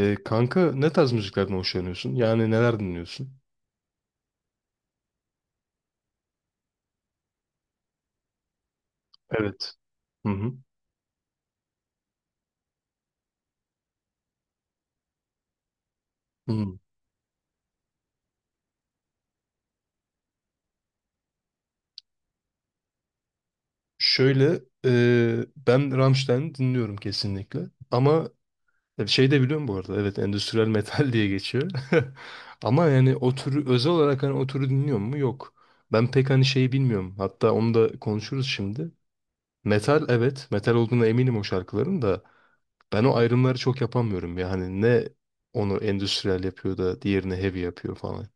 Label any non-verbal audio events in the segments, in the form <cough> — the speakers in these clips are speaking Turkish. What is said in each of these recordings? Kanka ne tarz müziklerden hoşlanıyorsun? Yani neler dinliyorsun? Evet. Hı hı. Hı. Şöyle ben Rammstein'i dinliyorum kesinlikle. Ama şey de biliyorum bu arada. Evet, endüstriyel metal <laughs> diye geçiyor. <laughs> Ama yani o türü özel olarak hani o türü dinliyor mu? Yok. Ben pek hani şeyi bilmiyorum. Hatta onu da konuşuruz şimdi. Metal, evet. Metal olduğuna eminim o şarkıların da. Ben o ayrımları çok yapamıyorum. Yani ne onu endüstriyel yapıyor da diğerini heavy yapıyor falan.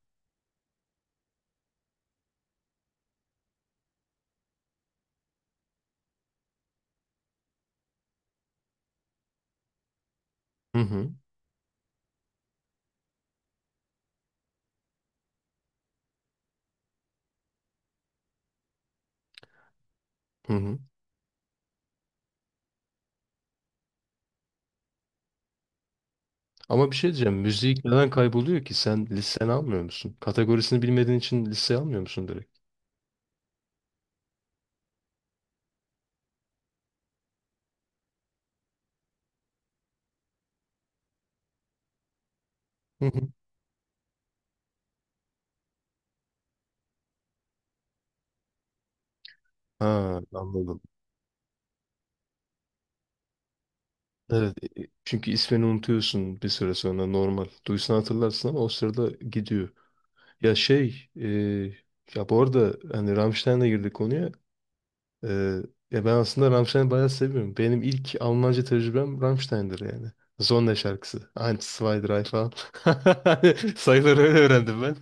Hı hı. Hı hı. Ama bir şey diyeceğim. Müzik neden kayboluyor ki? Sen listeni almıyor musun? Kategorisini bilmediğin için listeye almıyor musun direkt? Hı hı. Ha, anladım. Evet, çünkü ismini unutuyorsun bir süre sonra normal. Duysan hatırlarsın ama o sırada gidiyor. Ya şey, e, ya bu arada hani Rammstein'le girdik konuya. E, ya ben aslında Rammstein'i bayağı seviyorum. Benim ilk Almanca tecrübem Rammstein'dir yani. Zonda şarkısı. Eins, zwei, drei falan. <laughs> Sayıları öyle öğrendim ben.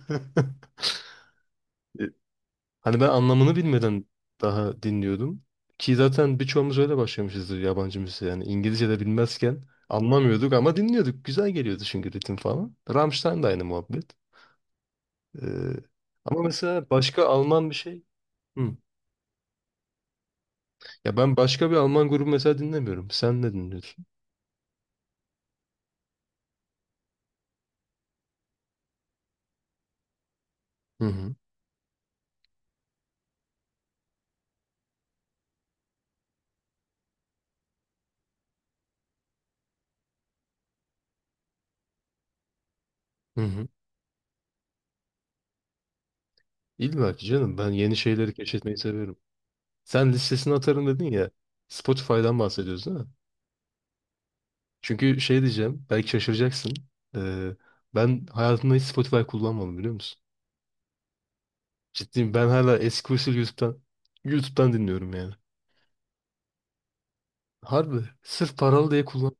<laughs> Hani ben anlamını bilmeden daha dinliyordum. Ki zaten birçoğumuz öyle başlamışızdır yabancı müziğe. Yani İngilizce de bilmezken anlamıyorduk ama dinliyorduk. Güzel geliyordu çünkü ritim falan. Rammstein de aynı muhabbet. Ee, ama mesela başka Alman bir şey. Hı. Ya ben başka bir Alman grubu mesela dinlemiyorum. Sen ne dinliyorsun? Hı hı. Hı hı. İlla ki canım, ben yeni şeyleri keşfetmeyi seviyorum. Sen listesini atarım dedin ya. Spotify'dan bahsediyoruz değil mi? Çünkü şey diyeceğim, belki şaşıracaksın. Ee, ben hayatımda hiç Spotify kullanmadım, biliyor musun? Ciddiyim, ben hala eski usul YouTube'dan YouTube'dan dinliyorum yani. Harbi sırf paralı diye kullan.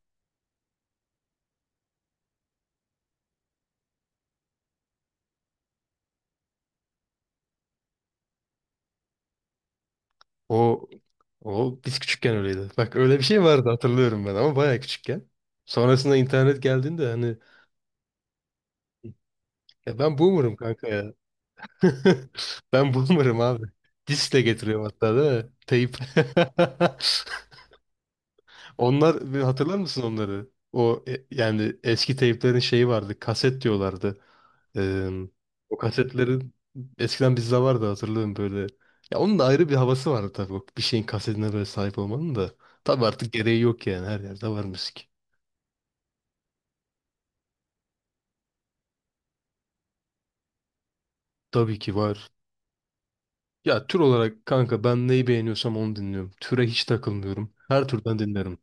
O o biz küçükken öyleydi. Bak öyle bir şey vardı, hatırlıyorum ben, ama bayağı küçükken. Sonrasında internet geldiğinde hani ya ben boomer'ım kanka ya. <laughs> Ben boomer'ım abi. Diskle getiriyorum hatta değil mi? Teyip. <laughs> Onlar, hatırlar mısın onları? O yani eski teyplerin şeyi vardı. Kaset diyorlardı. Ee, o kasetlerin eskiden bizde vardı, hatırlıyorum böyle. Ya onun da ayrı bir havası vardı tabii. O bir şeyin kasetine böyle sahip olmanın da. Tabii artık gereği yok yani. Her yerde var müzik. Tabii ki var. Ya tür olarak kanka ben neyi beğeniyorsam onu dinliyorum. Türe hiç takılmıyorum. Her türden dinlerim.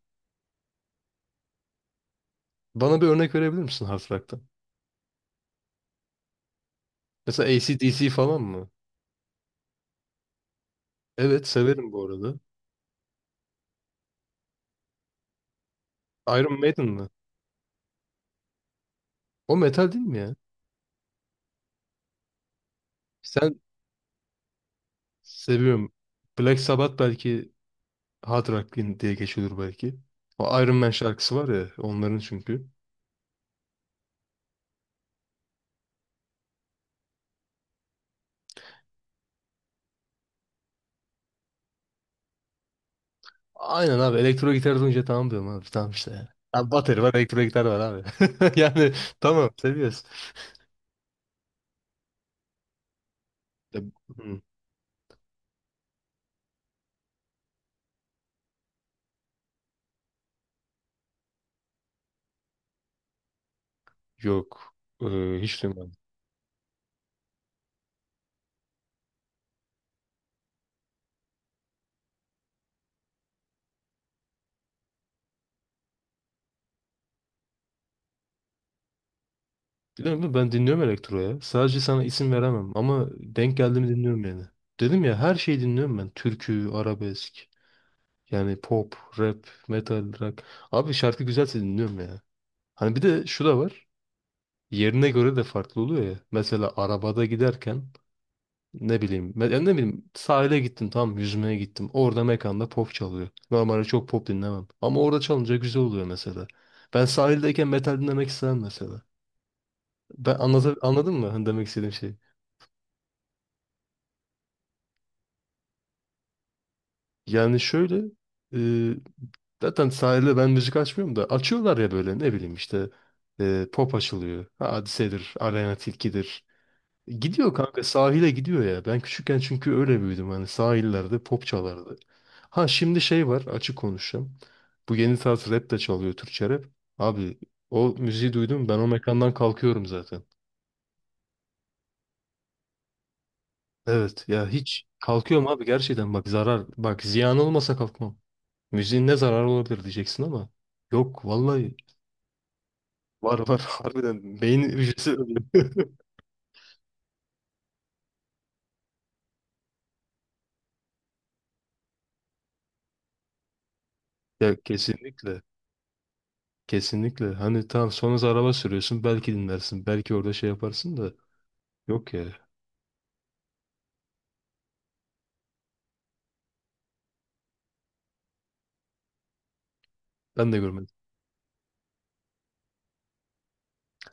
Bana bir örnek verebilir misin hard rock'tan? Mesela AC/DC falan mı? Evet, severim bu arada. Iron Maiden mi? O metal değil mi ya? Sen seviyorum. Black Sabbath belki Hard Rock din- diye geçiyordur belki. O Iron Man şarkısı var ya onların çünkü. Aynen abi, elektro gitar duyunca tamam diyorum abi, tamam işte. Ya. Abi, bateri var, elektro gitar var abi. <laughs> Yani tamam, seviyoruz. Ya, hı, yok. Hiç duymadım. Biliyor musun, ben dinliyorum elektro ya. Sadece sana isim veremem ama denk geldiğimi dinliyorum yani. Dedim ya, her şeyi dinliyorum ben. Türkü, arabesk, yani pop, rap, metal, rock. Abi, şarkı güzelse dinliyorum ya. Hani bir de şu da var. Yerine göre de farklı oluyor ya. Mesela arabada giderken ne bileyim ben, ne bileyim, sahile gittim, tamam, yüzmeye gittim. Orada mekanda pop çalıyor. Normalde çok pop dinlemem. Ama orada çalınca güzel oluyor mesela. Ben sahildeyken metal dinlemek istemem mesela. Ben anlata, anladın mı hani demek istediğim şey? Yani şöyle e, zaten sahilde ben müzik açmıyorum da açıyorlar ya, böyle ne bileyim işte pop açılıyor. Hadise'dir, Aleyna Tilki'dir. Gidiyor kanka, sahile gidiyor ya. Ben küçükken çünkü öyle büyüdüm. Hani sahillerde pop çalardı. Ha şimdi şey var, açık konuşacağım. Bu yeni tarz rap de çalıyor, Türkçe rap. Abi, o müziği duydum ben, o mekandan kalkıyorum zaten. Evet ya, hiç kalkıyorum abi gerçekten, bak zarar, bak ziyan olmasa kalkmam. Müziğin ne zararı olabilir diyeceksin ama yok vallahi, var var <laughs> harbiden beyin hücresi ölüyor. <laughs> Ya kesinlikle. Kesinlikle. Hani tamam, sonra araba sürüyorsun. Belki dinlersin. Belki orada şey yaparsın da. Yok ya. Ben de görmedim.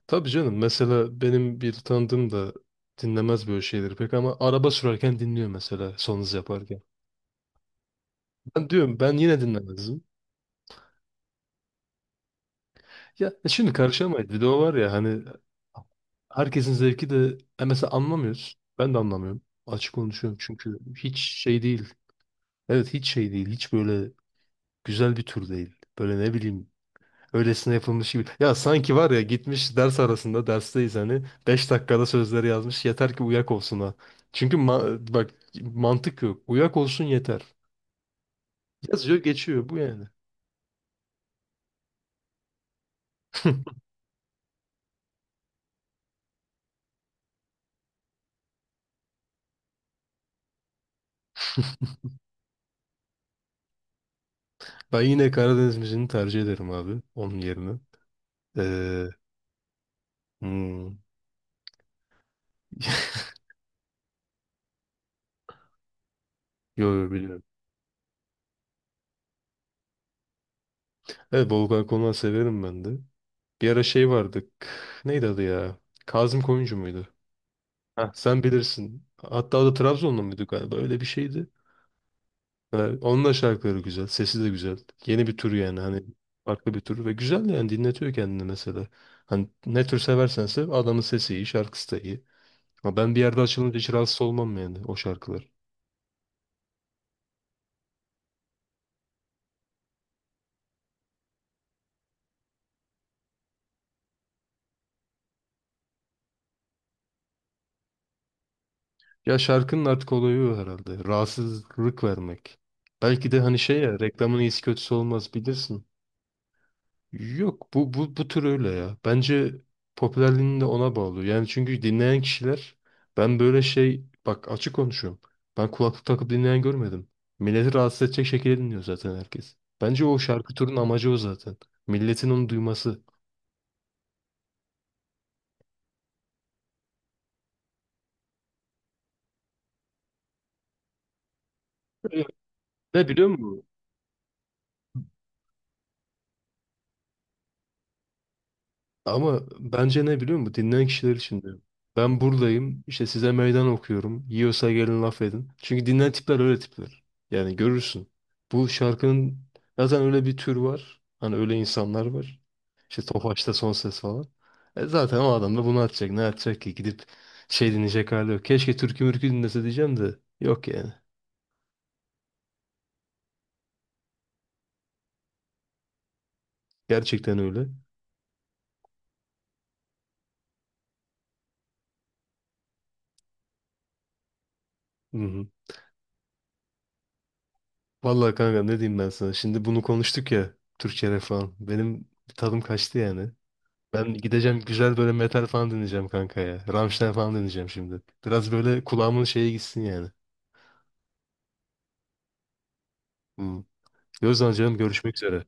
Tabii canım. Mesela benim bir tanıdığım da dinlemez böyle şeyleri pek, ama araba sürerken dinliyor mesela, son hız yaparken. Ben diyorum ben yine dinlemezdim. Ya şimdi karışamayız. Bir de o var ya hani herkesin zevki de mesela anlamıyoruz. Ben de anlamıyorum. Açık konuşuyorum çünkü hiç şey değil. Evet, hiç şey değil. Hiç böyle güzel bir tür değil. Böyle ne bileyim öylesine yapılmış gibi. Ya sanki var ya, gitmiş ders arasında, dersteyiz hani, 5 dakikada sözleri yazmış yeter ki uyak olsun, ha. Çünkü ma- bak mantık yok. Uyak olsun yeter. Yazıyor geçiyor bu yani. Ben yine Karadeniz müziğini tercih ederim abi, onun yerine. Ee, hmm. <laughs> Yo, yo, biliyorum. Evet, Volkan Konak'ı severim ben de. Bir ara şey vardı. K- neydi adı ya? Kazım Koyuncu muydu? Heh. Sen bilirsin. Hatta o da Trabzonlu muydu galiba? Öyle bir şeydi. Evet, onun da şarkıları güzel. Sesi de güzel. Yeni bir tür yani hani farklı bir tür ve güzel, yani dinletiyor kendini mesela. Hani ne tür seversen sev, adamın sesi iyi, şarkısı da iyi. Ama ben bir yerde açılınca hiç rahatsız olmam yani o şarkılar. Ya şarkının artık olayı o herhalde. Rahatsızlık vermek. Belki de hani şey ya, reklamın iyisi kötüsü olmaz, bilirsin. Yok bu tür öyle ya. Bence popülerliğini de ona bağlı. Yani çünkü dinleyen kişiler, ben böyle şey bak, açık konuşuyorum. Ben kulaklık takıp dinleyen görmedim. Milleti rahatsız edecek şekilde dinliyor zaten herkes. Bence o şarkı turun amacı o zaten. Milletin onu duyması. Evet. Ne biliyor musun? Ama bence ne biliyor musun? Dinleyen kişiler için diyorum. Ben buradayım, işte size meydan okuyorum. Yiyorsa gelin laf edin. Çünkü dinleyen tipler öyle tipler. Yani görürsün. Bu şarkının zaten öyle bir tür var. Hani öyle insanlar var. İşte Tofaş'ta son ses falan. E zaten o adam da bunu atacak. Ne atacak ki? Gidip şey dinleyecek hali yok. Keşke türkü mürkü dinlese diyeceğim de. Yok yani. Gerçekten öyle. Hı hı. Vallahi kanka ne diyeyim ben sana. Şimdi bunu konuştuk ya. Türkçe rap falan. Benim tadım kaçtı yani. Ben gideceğim, güzel böyle metal falan dinleyeceğim kanka ya. Rammstein falan dinleyeceğim şimdi. Biraz böyle kulağımın şeye gitsin yani. Hmm. O zaman canım, görüşmek üzere.